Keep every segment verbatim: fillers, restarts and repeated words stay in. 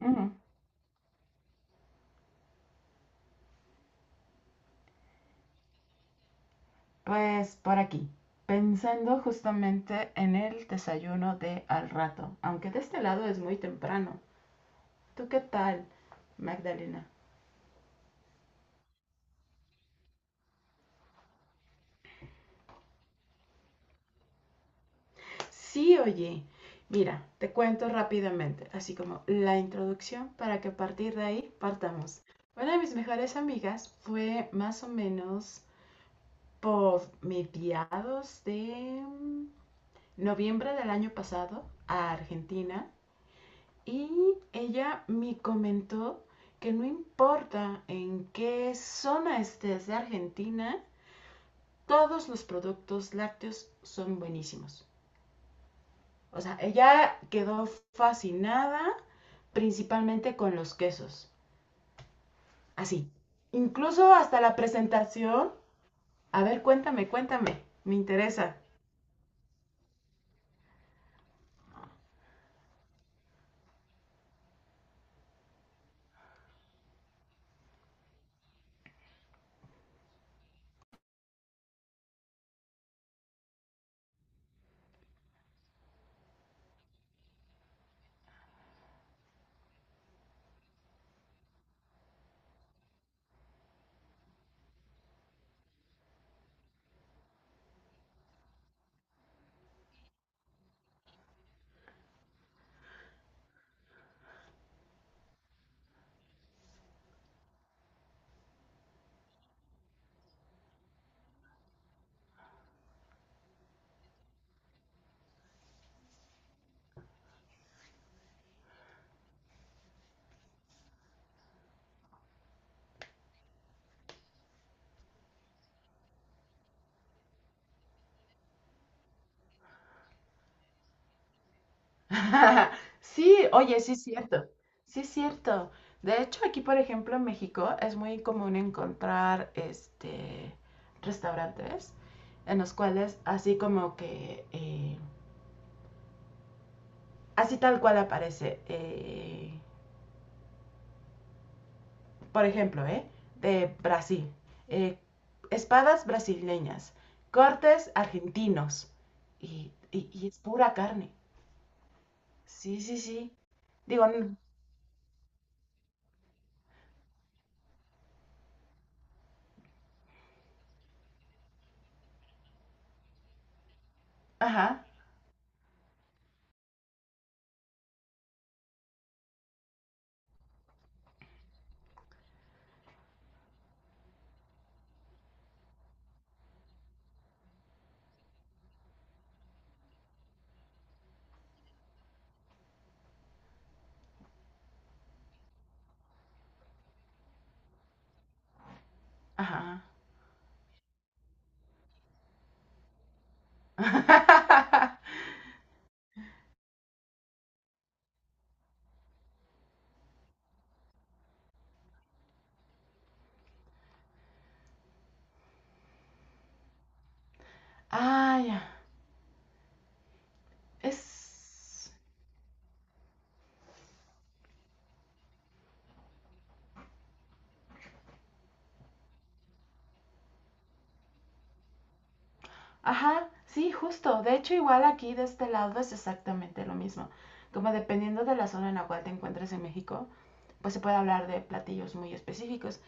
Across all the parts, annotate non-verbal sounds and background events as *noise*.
Ujú. Pues por aquí, pensando justamente en el desayuno de al rato, aunque de este lado es muy temprano. ¿Tú qué tal, Magdalena? Sí, oye, mira, te cuento rápidamente, así como la introducción para que a partir de ahí partamos. Una de mis mejores amigas fue más o menos por mediados de mm, noviembre del año pasado a Argentina. Y ella me comentó que no importa en qué zona estés de Argentina, todos los productos lácteos son buenísimos. O sea, ella quedó fascinada principalmente con los quesos. Así. Incluso hasta la presentación. A ver, cuéntame, cuéntame. Me interesa. *laughs* Sí, oye, sí es cierto, sí es cierto. De hecho, aquí, por ejemplo, en México es muy común encontrar este restaurantes en los cuales así como que eh, así tal cual aparece, eh, por ejemplo, eh, de Brasil, eh, espadas brasileñas, cortes argentinos y, y- y es pura carne. Sí, sí, sí. Digo, n- ajá, ajá. *laughs* Ah, ya. Es... Ajá, sí, justo. De hecho, igual aquí de este lado es exactamente lo mismo. Como dependiendo de la zona en la cual te encuentres en México, pues se puede hablar de platillos muy específicos.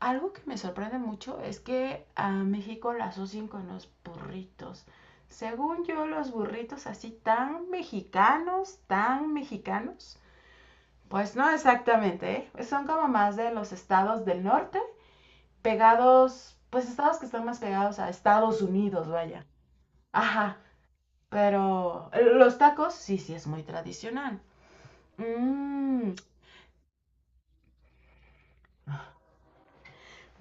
Algo que me sorprende mucho es que a México la asocian con los burritos. Según yo, los burritos así tan mexicanos, tan mexicanos. Pues no exactamente, ¿eh? Son como más de los estados del norte pegados, pues estados que están más pegados a Estados Unidos, vaya. Ajá, pero los tacos sí, sí es muy tradicional. Mmm,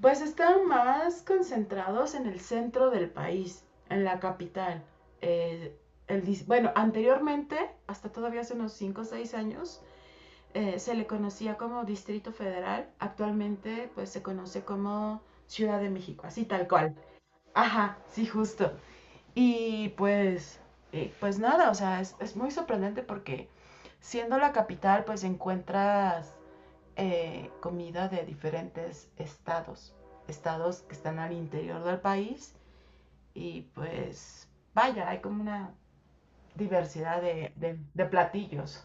pues están más concentrados en el centro del país, en la capital. Eh, el bueno, anteriormente, hasta todavía hace unos cinco, o seis años, eh, se le conocía como Distrito Federal. Actualmente, pues se conoce como Ciudad de México, así tal cual. Ajá, sí, justo. Y pues, eh, pues nada, o sea, es, es muy sorprendente porque siendo la capital, pues encuentras eh, comida de diferentes estados, estados que están al interior del país y pues vaya, hay como una diversidad de, de, de platillos.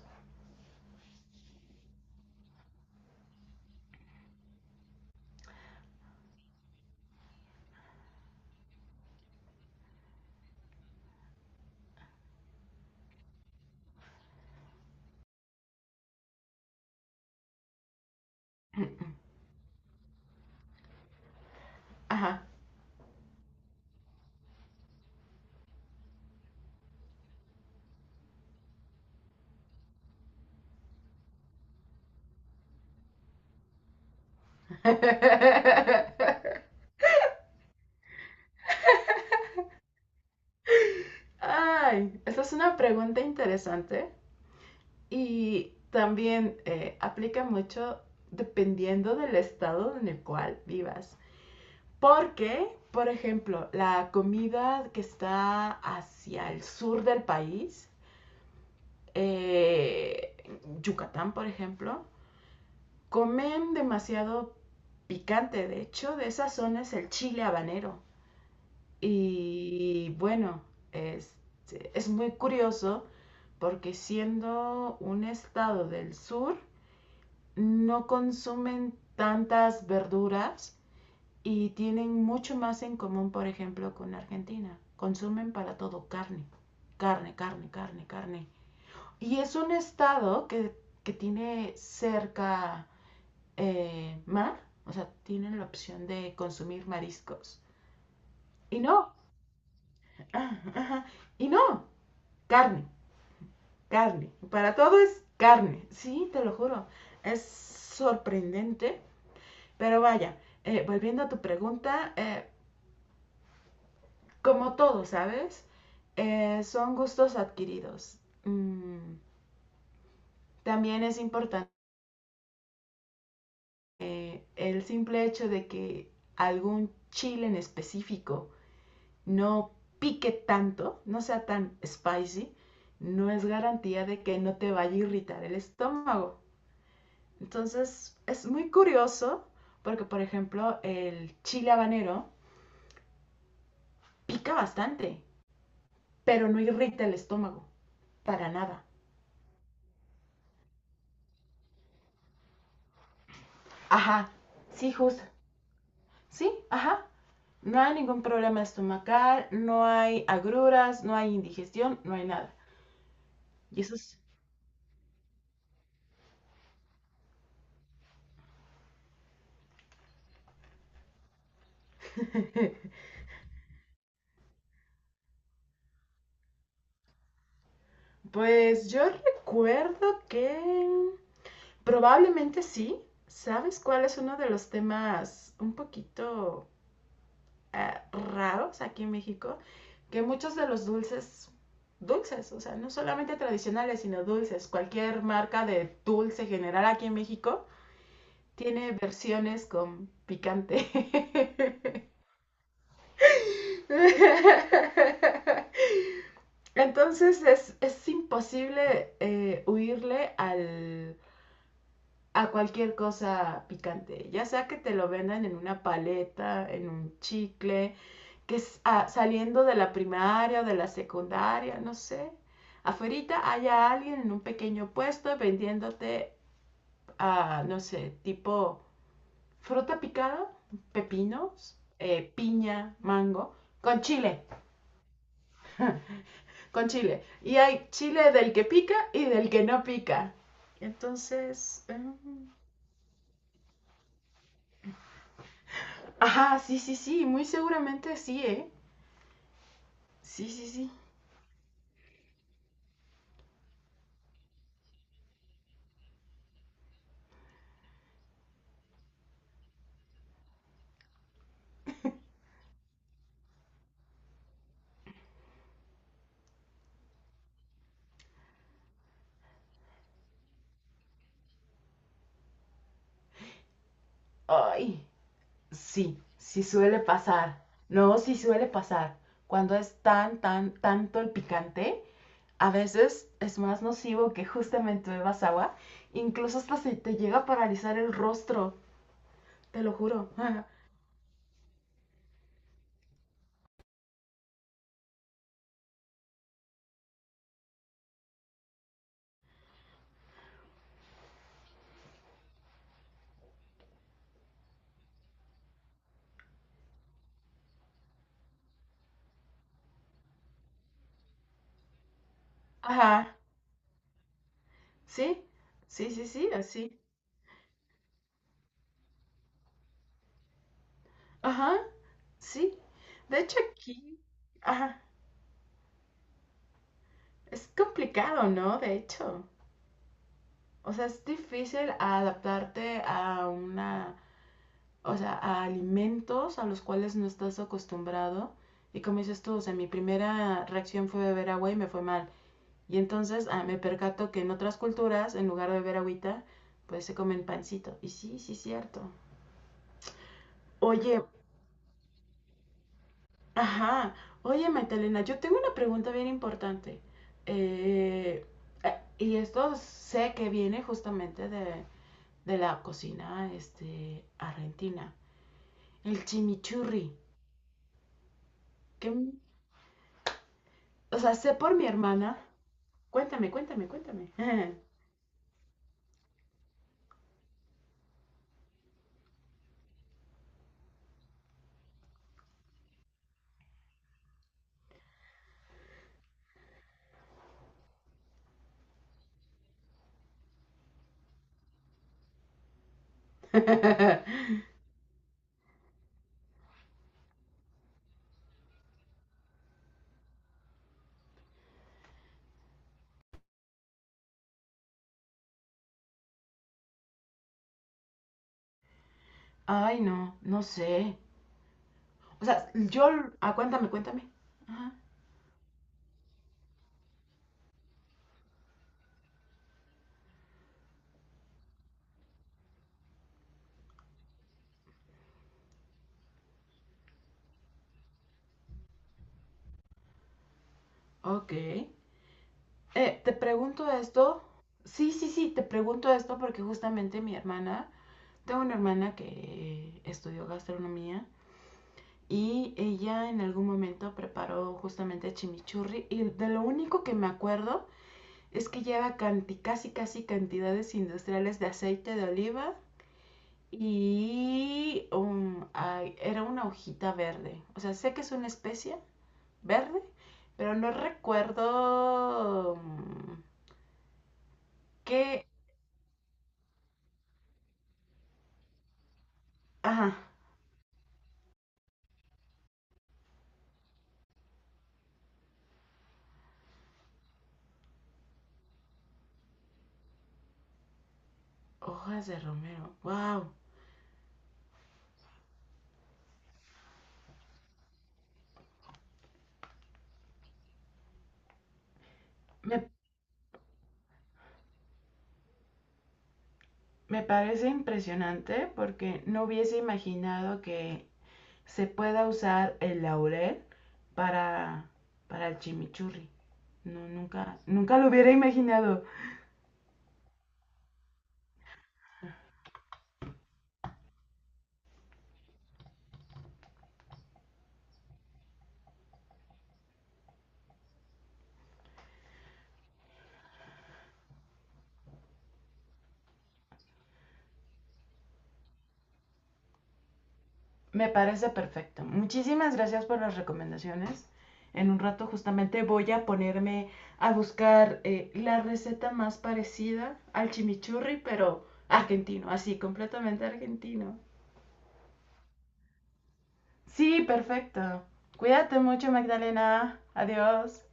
*clears throat* Ajá. *laughs* Ay, esa es una pregunta interesante. Y también eh, aplica mucho dependiendo del estado en el cual vivas. Porque, por ejemplo, la comida que está hacia el sur del país, eh, Yucatán, por ejemplo, comen demasiado picante. De hecho, de esa zona es el chile habanero. Y bueno, es, es muy curioso porque siendo un estado del sur, no consumen tantas verduras y tienen mucho más en común, por ejemplo, con Argentina. Consumen para todo carne, carne, carne, carne, carne. Y es un estado que, que tiene cerca eh, mar, o sea, tienen la opción de consumir mariscos. Y no, y no, carne, carne. Para todo es carne, sí, te lo juro. Es sorprendente. Pero vaya, eh, volviendo a tu pregunta, eh, como todo, ¿sabes? Eh, son gustos adquiridos. Mm, también es importante eh, el simple hecho de que algún chile en específico no pique tanto, no sea tan spicy, no es garantía de que no te vaya a irritar el estómago. Entonces, es muy curioso porque, por ejemplo, el chile habanero pica bastante, pero no irrita el estómago. Para nada. Ajá, sí, justo. Sí, ajá. No hay ningún problema estomacal, no hay agruras, no hay indigestión, no hay nada. Y eso es... *laughs* Pues yo recuerdo que probablemente sí. ¿Sabes cuál es uno de los temas un poquito eh, raros aquí en México? Que muchos de los dulces, dulces, o sea, no solamente tradicionales, sino dulces, cualquier marca de dulce general aquí en México, tiene versiones con picante. *laughs* Entonces es, es imposible eh, huirle al, a cualquier cosa picante. Ya sea que te lo vendan en una paleta, en un chicle, que es ah, saliendo de la primaria o de la secundaria, no sé. Afuerita haya alguien en un pequeño puesto vendiéndote, ah, no sé, tipo fruta picada, pepinos, eh, piña, mango, con chile, con chile. Y hay chile del que pica y del que no pica. Entonces, em, ajá, sí, sí, sí, muy seguramente sí, ¿eh? Sí, sí, sí. Ay, sí, sí suele pasar. No, sí suele pasar. Cuando es tan, tan, tanto el picante, a veces es más nocivo que justamente bebas agua. Incluso hasta se te llega a paralizar el rostro, te lo juro. *laughs* Ajá, sí, sí, sí, sí, así. Ajá, sí. De hecho aquí, ajá, es complicado, ¿no? De hecho, o sea, es difícil adaptarte a una, o sea, a alimentos a los cuales no estás acostumbrado. Y como dices tú, o sea, mi primera reacción fue beber agua y me fue mal. Y entonces ah, me percato que en otras culturas, en lugar de beber agüita, pues se comen pancito. Y sí, sí, es cierto. Oye, ajá. Oye, Magdalena, yo tengo una pregunta bien importante. Eh, eh, y esto sé que viene justamente de, de la cocina este, argentina. El chimichurri. Que m- o sea, sé por mi hermana. Cuéntame, cuéntame, cuéntame. *laughs* Ay, no, no sé. O sea, yo... Ah, cuéntame, cuéntame. Ajá. Ok. Eh, te pregunto esto. Sí, sí, sí, te pregunto esto porque justamente mi hermana... Tengo una hermana que estudió gastronomía y ella en algún momento preparó justamente chimichurri y de lo único que me acuerdo es que lleva canti, casi casi cantidades industriales de aceite de oliva y un- ay, era una hojita verde. O sea, sé que es una especie verde, pero no recuerdo mm, qué... Ajá, hojas de romero. Wow. Me... Me parece impresionante porque no hubiese imaginado que se pueda usar el laurel para, para el chimichurri. No, nunca, nunca lo hubiera imaginado. Me parece perfecto. Muchísimas gracias por las recomendaciones. En un rato justamente voy a ponerme a buscar eh, la receta más parecida al chimichurri, pero argentino, así, completamente argentino. Sí, perfecto. Cuídate mucho, Magdalena. Adiós.